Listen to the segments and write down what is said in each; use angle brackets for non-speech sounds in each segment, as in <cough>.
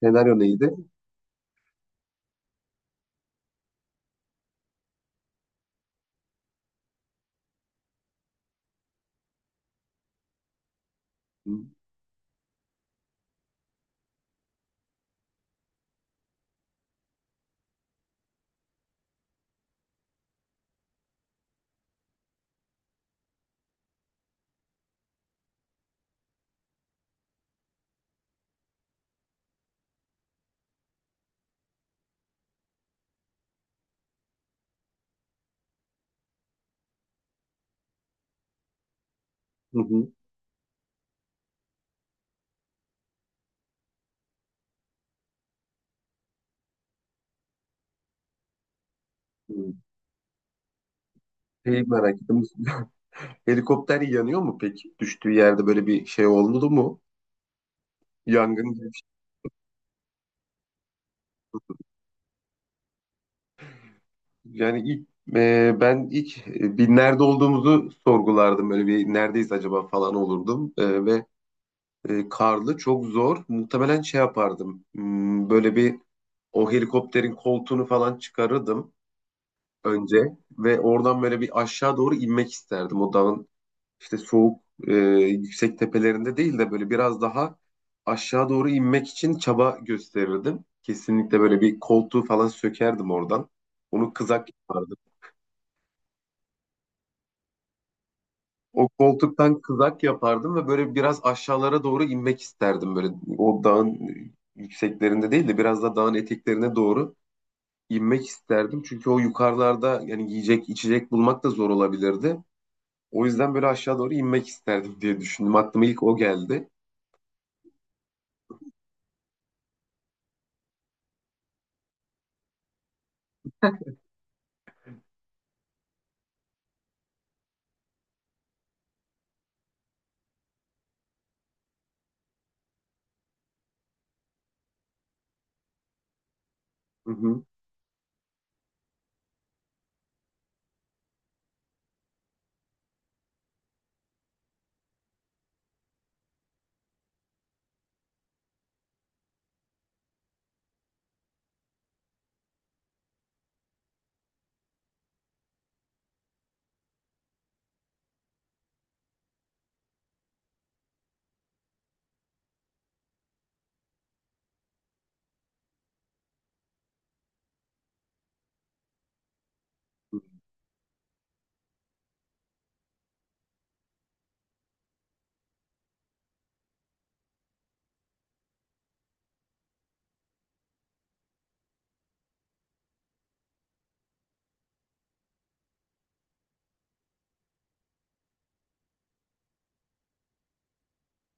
Senaryo neydi? Hı hı. Hı. Şeyi merak ettim. <laughs> Helikopter yanıyor mu peki? Düştüğü yerde böyle bir şey oldu mu? Yangın gibi bir şey. Yani ilk ben ilk bir nerede olduğumuzu sorgulardım. Böyle bir neredeyiz acaba falan olurdum. Karlı çok zor. Muhtemelen şey yapardım. Böyle bir o helikopterin koltuğunu falan çıkarırdım önce ve oradan böyle bir aşağı doğru inmek isterdim o dağın işte soğuk e, yüksek tepelerinde değil de böyle biraz daha aşağı doğru inmek için çaba gösterirdim. Kesinlikle böyle bir koltuğu falan sökerdim oradan. Onu kızak yapardım. O koltuktan kızak yapardım ve böyle biraz aşağılara doğru inmek isterdim. Böyle o dağın yükseklerinde değil de biraz da dağın eteklerine doğru inmek isterdim. Çünkü o yukarılarda yani yiyecek içecek bulmak da zor olabilirdi. O yüzden böyle aşağı doğru inmek isterdim diye düşündüm. Aklıma ilk o geldi. Hı hı.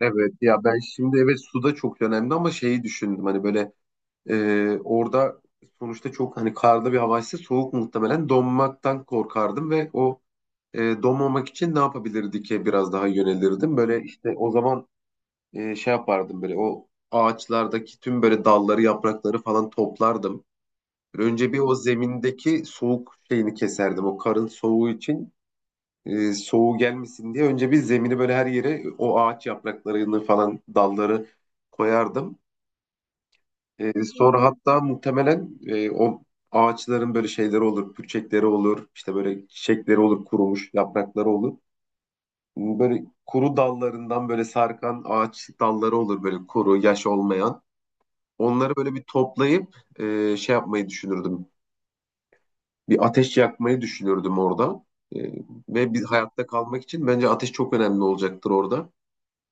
Evet ya, ben şimdi evet su da çok önemli ama şeyi düşündüm hani böyle orada sonuçta çok hani karlı bir havaysa soğuk muhtemelen donmaktan korkardım ve o donmamak için ne yapabilirdi ki biraz daha yönelirdim. Böyle işte o zaman şey yapardım böyle o ağaçlardaki tüm böyle dalları yaprakları falan toplardım. Böyle önce bir o zemindeki soğuk şeyini keserdim o karın soğuğu için soğuğu gelmesin diye önce bir zemini böyle her yere o ağaç yapraklarını falan dalları koyardım. Sonra hatta muhtemelen o ağaçların böyle şeyleri olur, pürçekleri olur, işte böyle çiçekleri olur, kurumuş yaprakları olur. Böyle kuru dallarından böyle sarkan ağaç dalları olur böyle kuru, yaş olmayan. Onları böyle bir toplayıp şey yapmayı düşünürdüm. Bir ateş yakmayı düşünürdüm orada. E, Ve bir hayatta kalmak için bence ateş çok önemli olacaktır orada.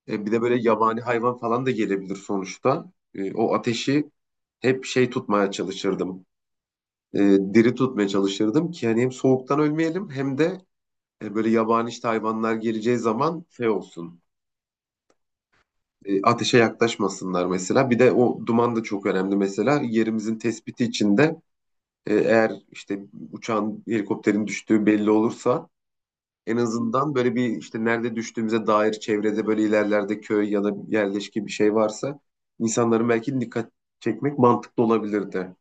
Bir de böyle yabani hayvan falan da gelebilir sonuçta. E, o ateşi hep şey tutmaya çalışırdım. E, Diri tutmaya çalışırdım ki hani hem soğuktan ölmeyelim hem de böyle yabani işte hayvanlar geleceği zaman şey olsun. Ateşe yaklaşmasınlar mesela. Bir de o duman da çok önemli mesela. Yerimizin tespiti için de eğer işte uçağın, helikopterin düştüğü belli olursa en azından böyle bir işte nerede düştüğümüze dair çevrede böyle ilerlerde köy ya da yerleşki bir şey varsa insanların belki dikkat çekmek mantıklı olabilirdi.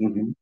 Hı hı.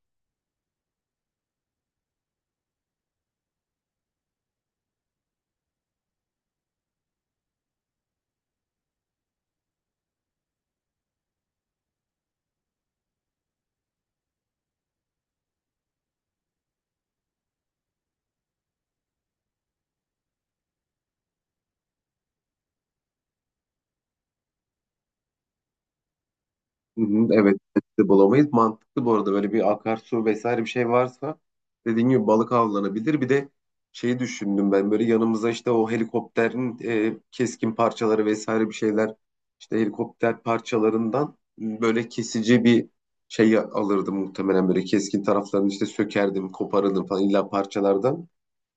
Hı hı. Evet, de bulamayız. Mantıklı bu arada, böyle bir akarsu vesaire bir şey varsa dediğin gibi balık avlanabilir. Bir de şeyi düşündüm ben, böyle yanımıza işte o helikopterin keskin parçaları vesaire bir şeyler, işte helikopter parçalarından böyle kesici bir şey alırdım muhtemelen, böyle keskin taraflarını işte sökerdim, koparırdım falan illa parçalardan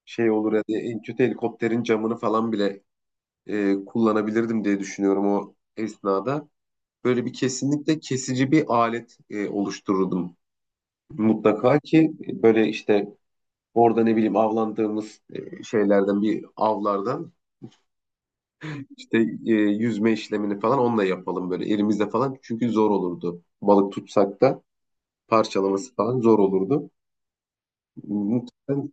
şey olur ya diye, en kötü helikopterin camını falan bile kullanabilirdim diye düşünüyorum. O esnada böyle bir kesinlikle kesici bir alet oluştururdum. Mutlaka ki böyle işte orada ne bileyim avlandığımız şeylerden, bir avlardan işte yüzme işlemini falan onunla yapalım böyle elimizde falan. Çünkü zor olurdu. Balık tutsak da parçalaması falan zor olurdu. Muhtemelen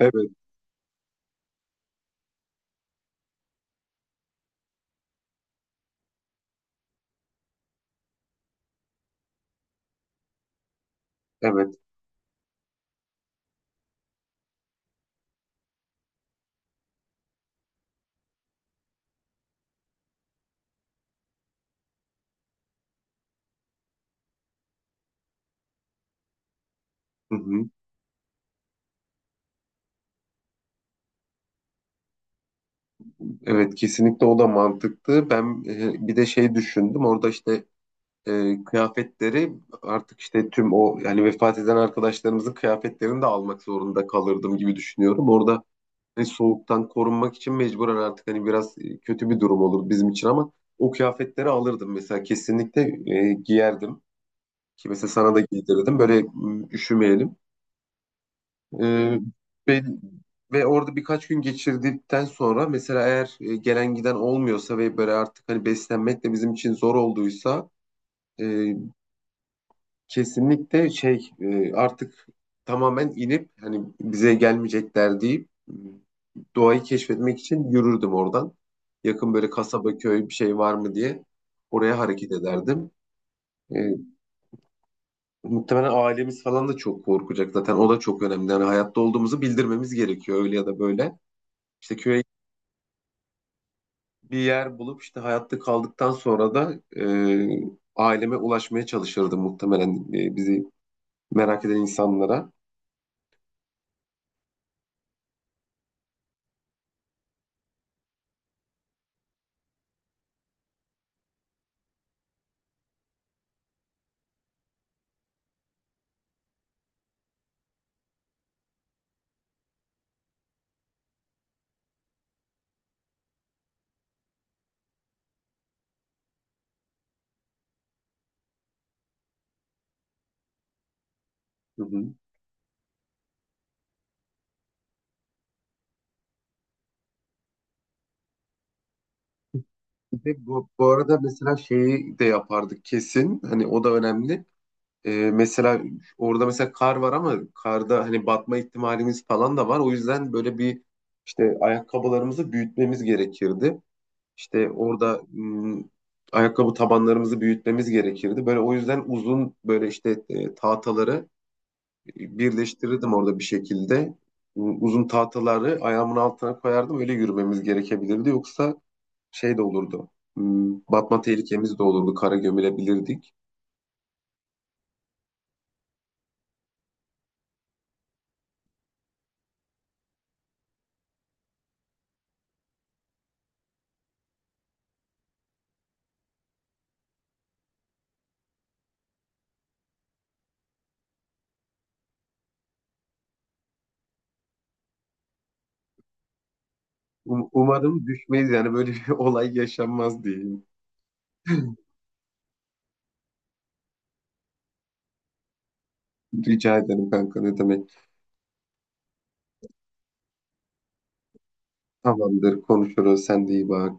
evet evet. Hı hı. Evet, kesinlikle o da mantıklı. Ben bir de şey düşündüm. Orada işte kıyafetleri artık işte tüm o yani vefat eden arkadaşlarımızın kıyafetlerini de almak zorunda kalırdım gibi düşünüyorum. Orada hani soğuktan korunmak için mecburen artık hani biraz kötü bir durum olur bizim için ama o kıyafetleri alırdım mesela, kesinlikle giyerdim. Ki mesela sana da giydirirdim böyle, üşümeyelim. E, ve, ve orada birkaç gün geçirdikten sonra mesela, eğer gelen giden olmuyorsa ve böyle artık hani beslenmek de bizim için zor olduysa e, kesinlikle şey artık tamamen inip hani bize gelmeyecekler deyip, doğayı keşfetmek için yürürdüm oradan. Yakın böyle kasaba köy bir şey var mı diye oraya hareket ederdim. E, Muhtemelen ailemiz falan da çok korkacak zaten, o da çok önemli. Yani hayatta olduğumuzu bildirmemiz gerekiyor öyle ya da böyle. İşte köye bir yer bulup işte hayatta kaldıktan sonra da aileme ulaşmaya çalışırdım muhtemelen, bizi merak eden insanlara. Hı hı. Bu arada mesela şeyi de yapardık kesin. Hani o da önemli. Mesela orada mesela kar var ama karda hani batma ihtimalimiz falan da var. O yüzden böyle bir işte ayakkabılarımızı büyütmemiz gerekirdi. İşte orada, ayakkabı tabanlarımızı büyütmemiz gerekirdi. Böyle o yüzden uzun böyle işte tahtaları birleştirirdim orada bir şekilde. Uzun tahtaları ayağımın altına koyardım. Öyle yürümemiz gerekebilirdi. Yoksa şey de olurdu. Batma tehlikemiz de olurdu. Kara gömülebilirdik. Umarım düşmeyiz yani, böyle bir <laughs> olay yaşanmaz diyeyim. Rica ederim kanka, ne demek. Tamamdır, konuşuruz. Sen de iyi bak.